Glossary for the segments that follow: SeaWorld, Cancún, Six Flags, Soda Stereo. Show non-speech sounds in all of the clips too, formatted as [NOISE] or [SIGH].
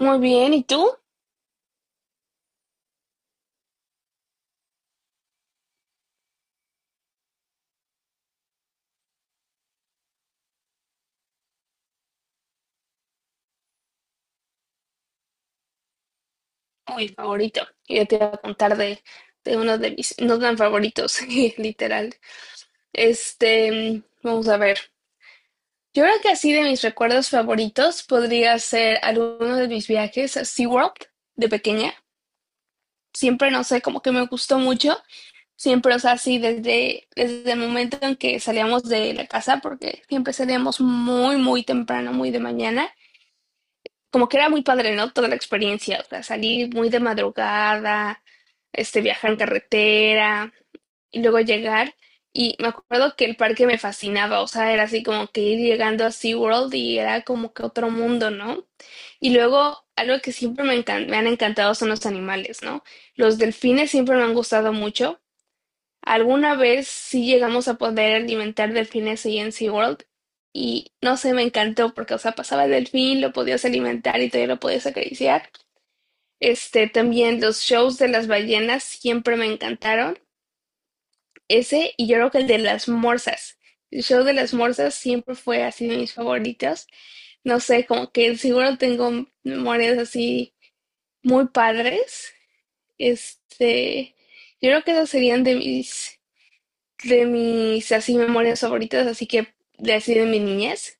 Muy bien, ¿y tú? Uy, favorito. Yo te iba a contar de uno de mis no tan favoritos, [LAUGHS] literal. Vamos a ver. Yo creo que así de mis recuerdos favoritos podría ser alguno de mis viajes a SeaWorld de pequeña. Siempre, no sé, como que me gustó mucho. Siempre, o sea, así desde el momento en que salíamos de la casa, porque siempre salíamos muy, muy temprano, muy de mañana. Como que era muy padre, ¿no? Toda la experiencia, o sea, salir muy de madrugada, viajar en carretera y luego llegar. Y me acuerdo que el parque me fascinaba, o sea, era así como que ir llegando a SeaWorld y era como que otro mundo, ¿no? Y luego, algo que siempre me han encantado son los animales, ¿no? Los delfines siempre me han gustado mucho. Alguna vez sí llegamos a poder alimentar delfines ahí en SeaWorld y no sé, me encantó porque, o sea, pasaba el delfín, lo podías alimentar y todavía lo podías acariciar. También los shows de las ballenas siempre me encantaron. Ese y yo creo que el de las morsas. El show de las morsas siempre fue así de mis favoritos. No sé, como que seguro tengo memorias así muy padres. Este, yo creo que esos serían de mis así memorias favoritas, así que de así de mi niñez.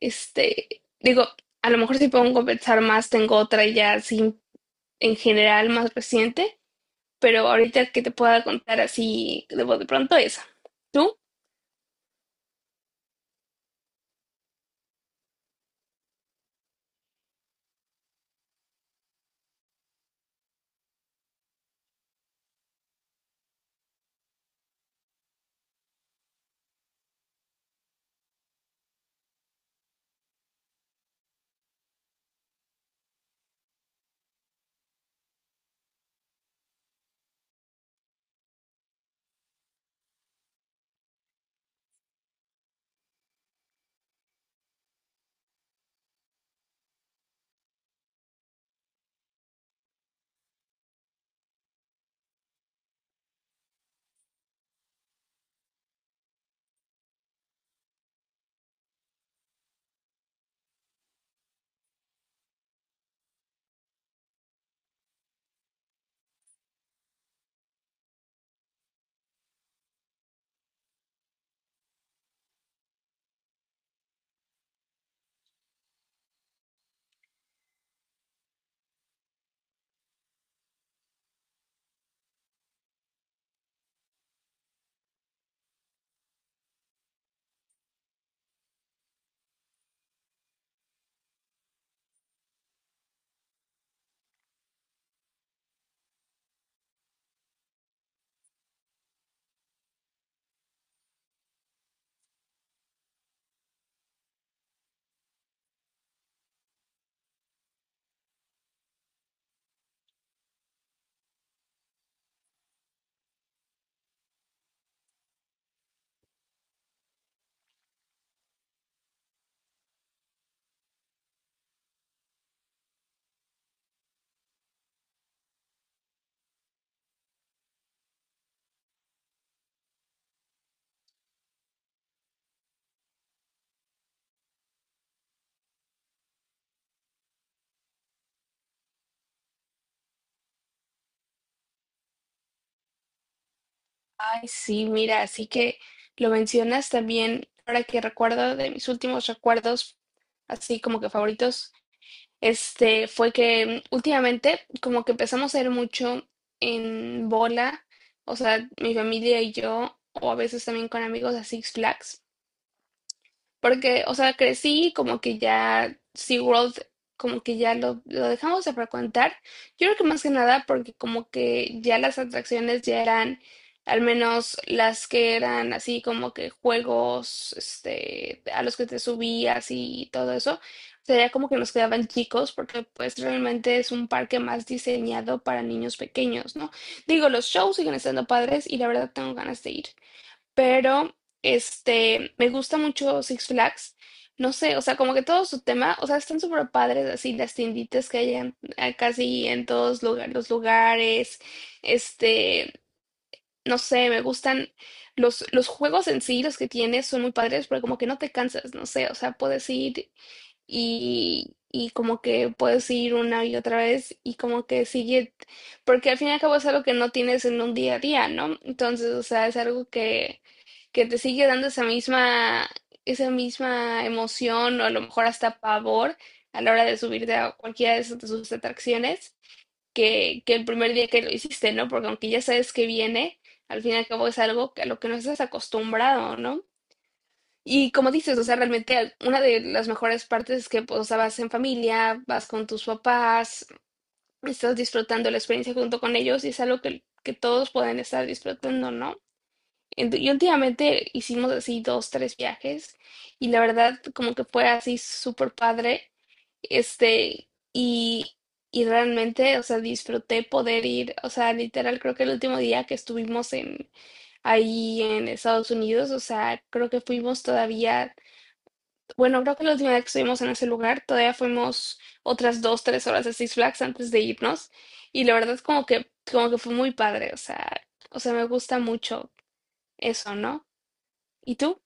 Digo, a lo mejor si pongo a pensar más, tengo otra ya así en general más reciente, pero ahorita que te pueda contar así de voz de pronto esa. ¿Tú? Ay, sí, mira, así que lo mencionas también, ahora que recuerdo de mis últimos recuerdos, así como que favoritos. Fue que últimamente como que empezamos a ir mucho en bola, o sea, mi familia y yo, o a veces también con amigos a Six Flags. Porque, o sea, crecí como que ya SeaWorld, como que ya lo dejamos de frecuentar. Yo creo que más que nada porque como que ya las atracciones ya eran, al menos las que eran así como que juegos, a los que te subías y todo eso, sería como que nos quedaban chicos porque pues realmente es un parque más diseñado para niños pequeños, ¿no? Digo, los shows siguen estando padres y la verdad tengo ganas de ir. Pero, me gusta mucho Six Flags. No sé, o sea, como que todo su tema, o sea, están súper padres así las tienditas que hay casi en los lugares. Este, no sé, me gustan los juegos en sí, los que tienes son muy padres, pero como que no te cansas, no sé, o sea, puedes ir y como que puedes ir una y otra vez y como que sigue, porque al fin y al cabo es algo que no tienes en un día a día, ¿no? Entonces, o sea, es algo que te sigue dando esa misma emoción o a lo mejor hasta pavor a la hora de subirte a cualquiera de sus atracciones que el primer día que lo hiciste, ¿no? Porque aunque ya sabes que viene, al fin y al cabo es algo a lo que no estás acostumbrado, ¿no? Y como dices, o sea, realmente una de las mejores partes es que, pues, o sea, vas en familia, vas con tus papás, estás disfrutando la experiencia junto con ellos y es algo que todos pueden estar disfrutando, ¿no? Y últimamente hicimos así dos, tres viajes y la verdad como que fue así súper padre, este, y, y realmente, o sea, disfruté poder ir, o sea, literal creo que el último día que estuvimos ahí en Estados Unidos, o sea, creo que fuimos todavía, bueno, creo que la última vez que estuvimos en ese lugar todavía fuimos otras 2, 3 horas a Six Flags antes de irnos y la verdad como que fue muy padre, o sea, me gusta mucho eso, ¿no? ¿Y tú?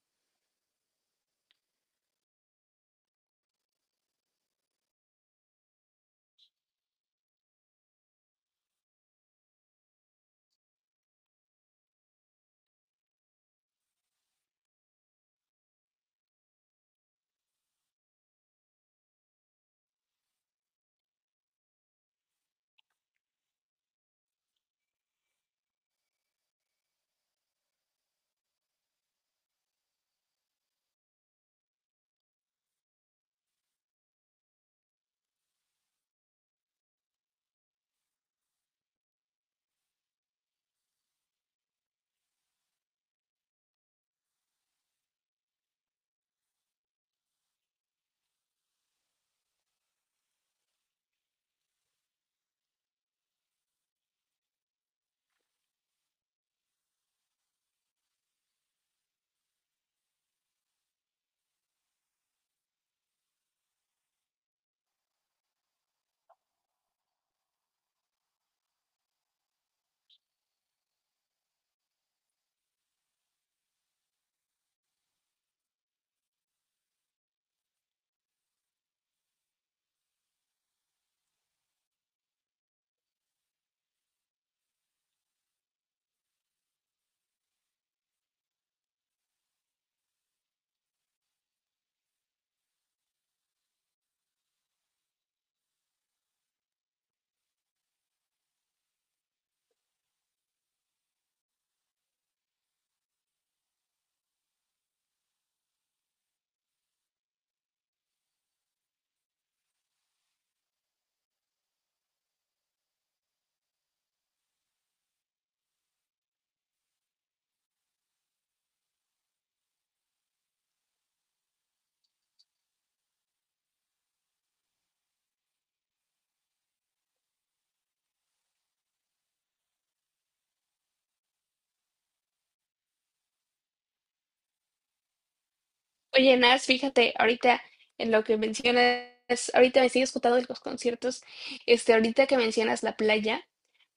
Oye, Nas, fíjate, ahorita en lo que mencionas, ahorita me sigues contando de los conciertos, ahorita que mencionas la playa,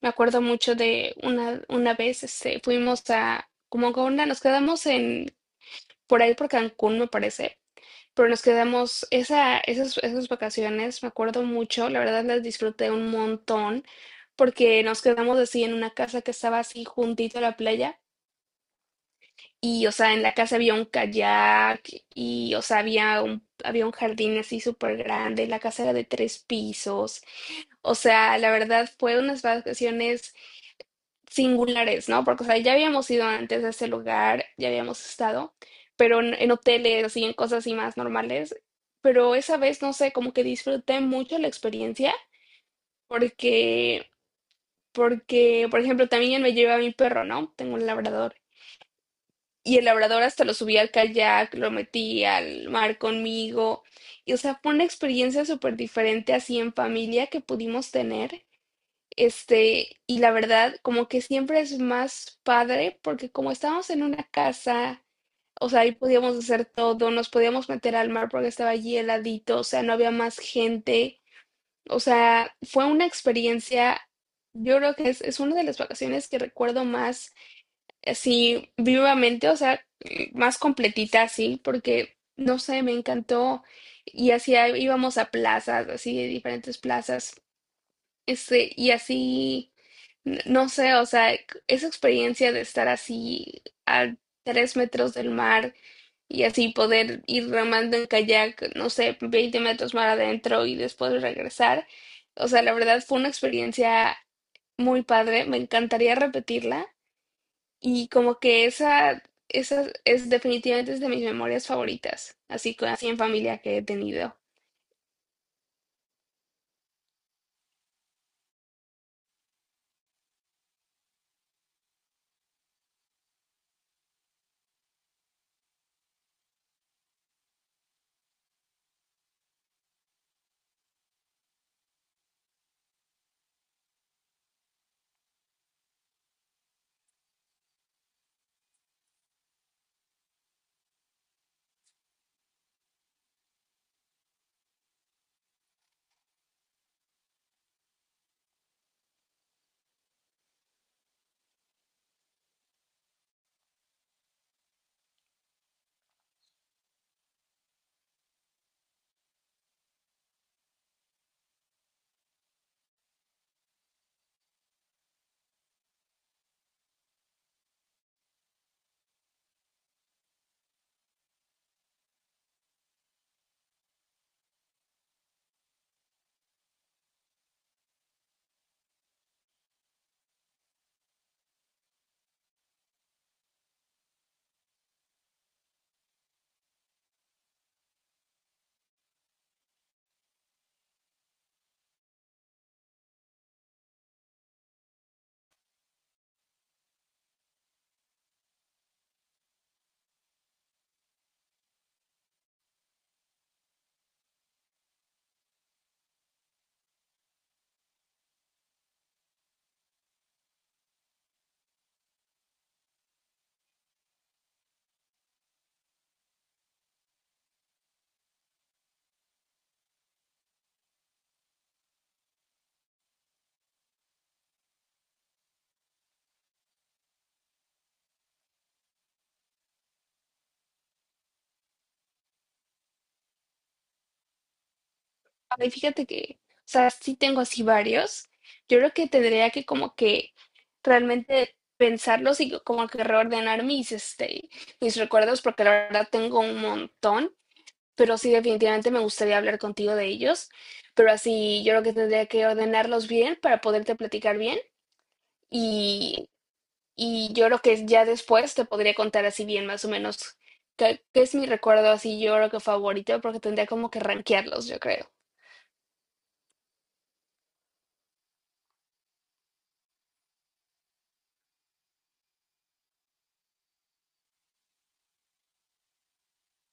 me acuerdo mucho de una vez, fuimos a, como con una, nos quedamos en, por ahí por Cancún, me parece, pero nos quedamos, esas vacaciones, me acuerdo mucho, la verdad las disfruté un montón, porque nos quedamos así en una casa que estaba así juntito a la playa, y, o sea, en la casa había un kayak y, o sea, había había un jardín así súper grande, la casa era de tres pisos. O sea, la verdad fue unas vacaciones singulares, ¿no? Porque, o sea, ya habíamos ido antes a ese lugar, ya habíamos estado, pero en hoteles, así, en cosas así más normales. Pero esa vez, no sé, como que disfruté mucho la experiencia porque, porque, por ejemplo, también me llevé a mi perro, ¿no? Tengo un labrador. Y el labrador hasta lo subí al kayak, lo metí al mar conmigo. Y, o sea, fue una experiencia súper diferente así en familia que pudimos tener. Y la verdad, como que siempre es más padre porque como estábamos en una casa, o sea, ahí podíamos hacer todo, nos podíamos meter al mar porque estaba allí heladito, o sea, no había más gente. O sea, fue una experiencia, yo creo que es una de las vacaciones que recuerdo más así vivamente, o sea, más completita así, porque no sé, me encantó. Y así íbamos a plazas, así de diferentes plazas, y así, no sé, o sea, esa experiencia de estar así a 3 metros del mar y así poder ir remando en kayak, no sé, 20 metros más adentro y después regresar. O sea, la verdad fue una experiencia muy padre, me encantaría repetirla. Y como que esa es definitivamente es de mis memorias favoritas, así con así en familia que he tenido. Ay, fíjate que, o sea, sí tengo así varios. Yo creo que tendría que como que realmente pensarlos y como que reordenar mis recuerdos, porque la verdad tengo un montón, pero sí definitivamente me gustaría hablar contigo de ellos. Pero así yo creo que tendría que ordenarlos bien para poderte platicar bien. y Y yo creo que ya después te podría contar así bien más o menos qué es mi recuerdo así, yo creo que favorito, porque tendría como que rankearlos, yo creo.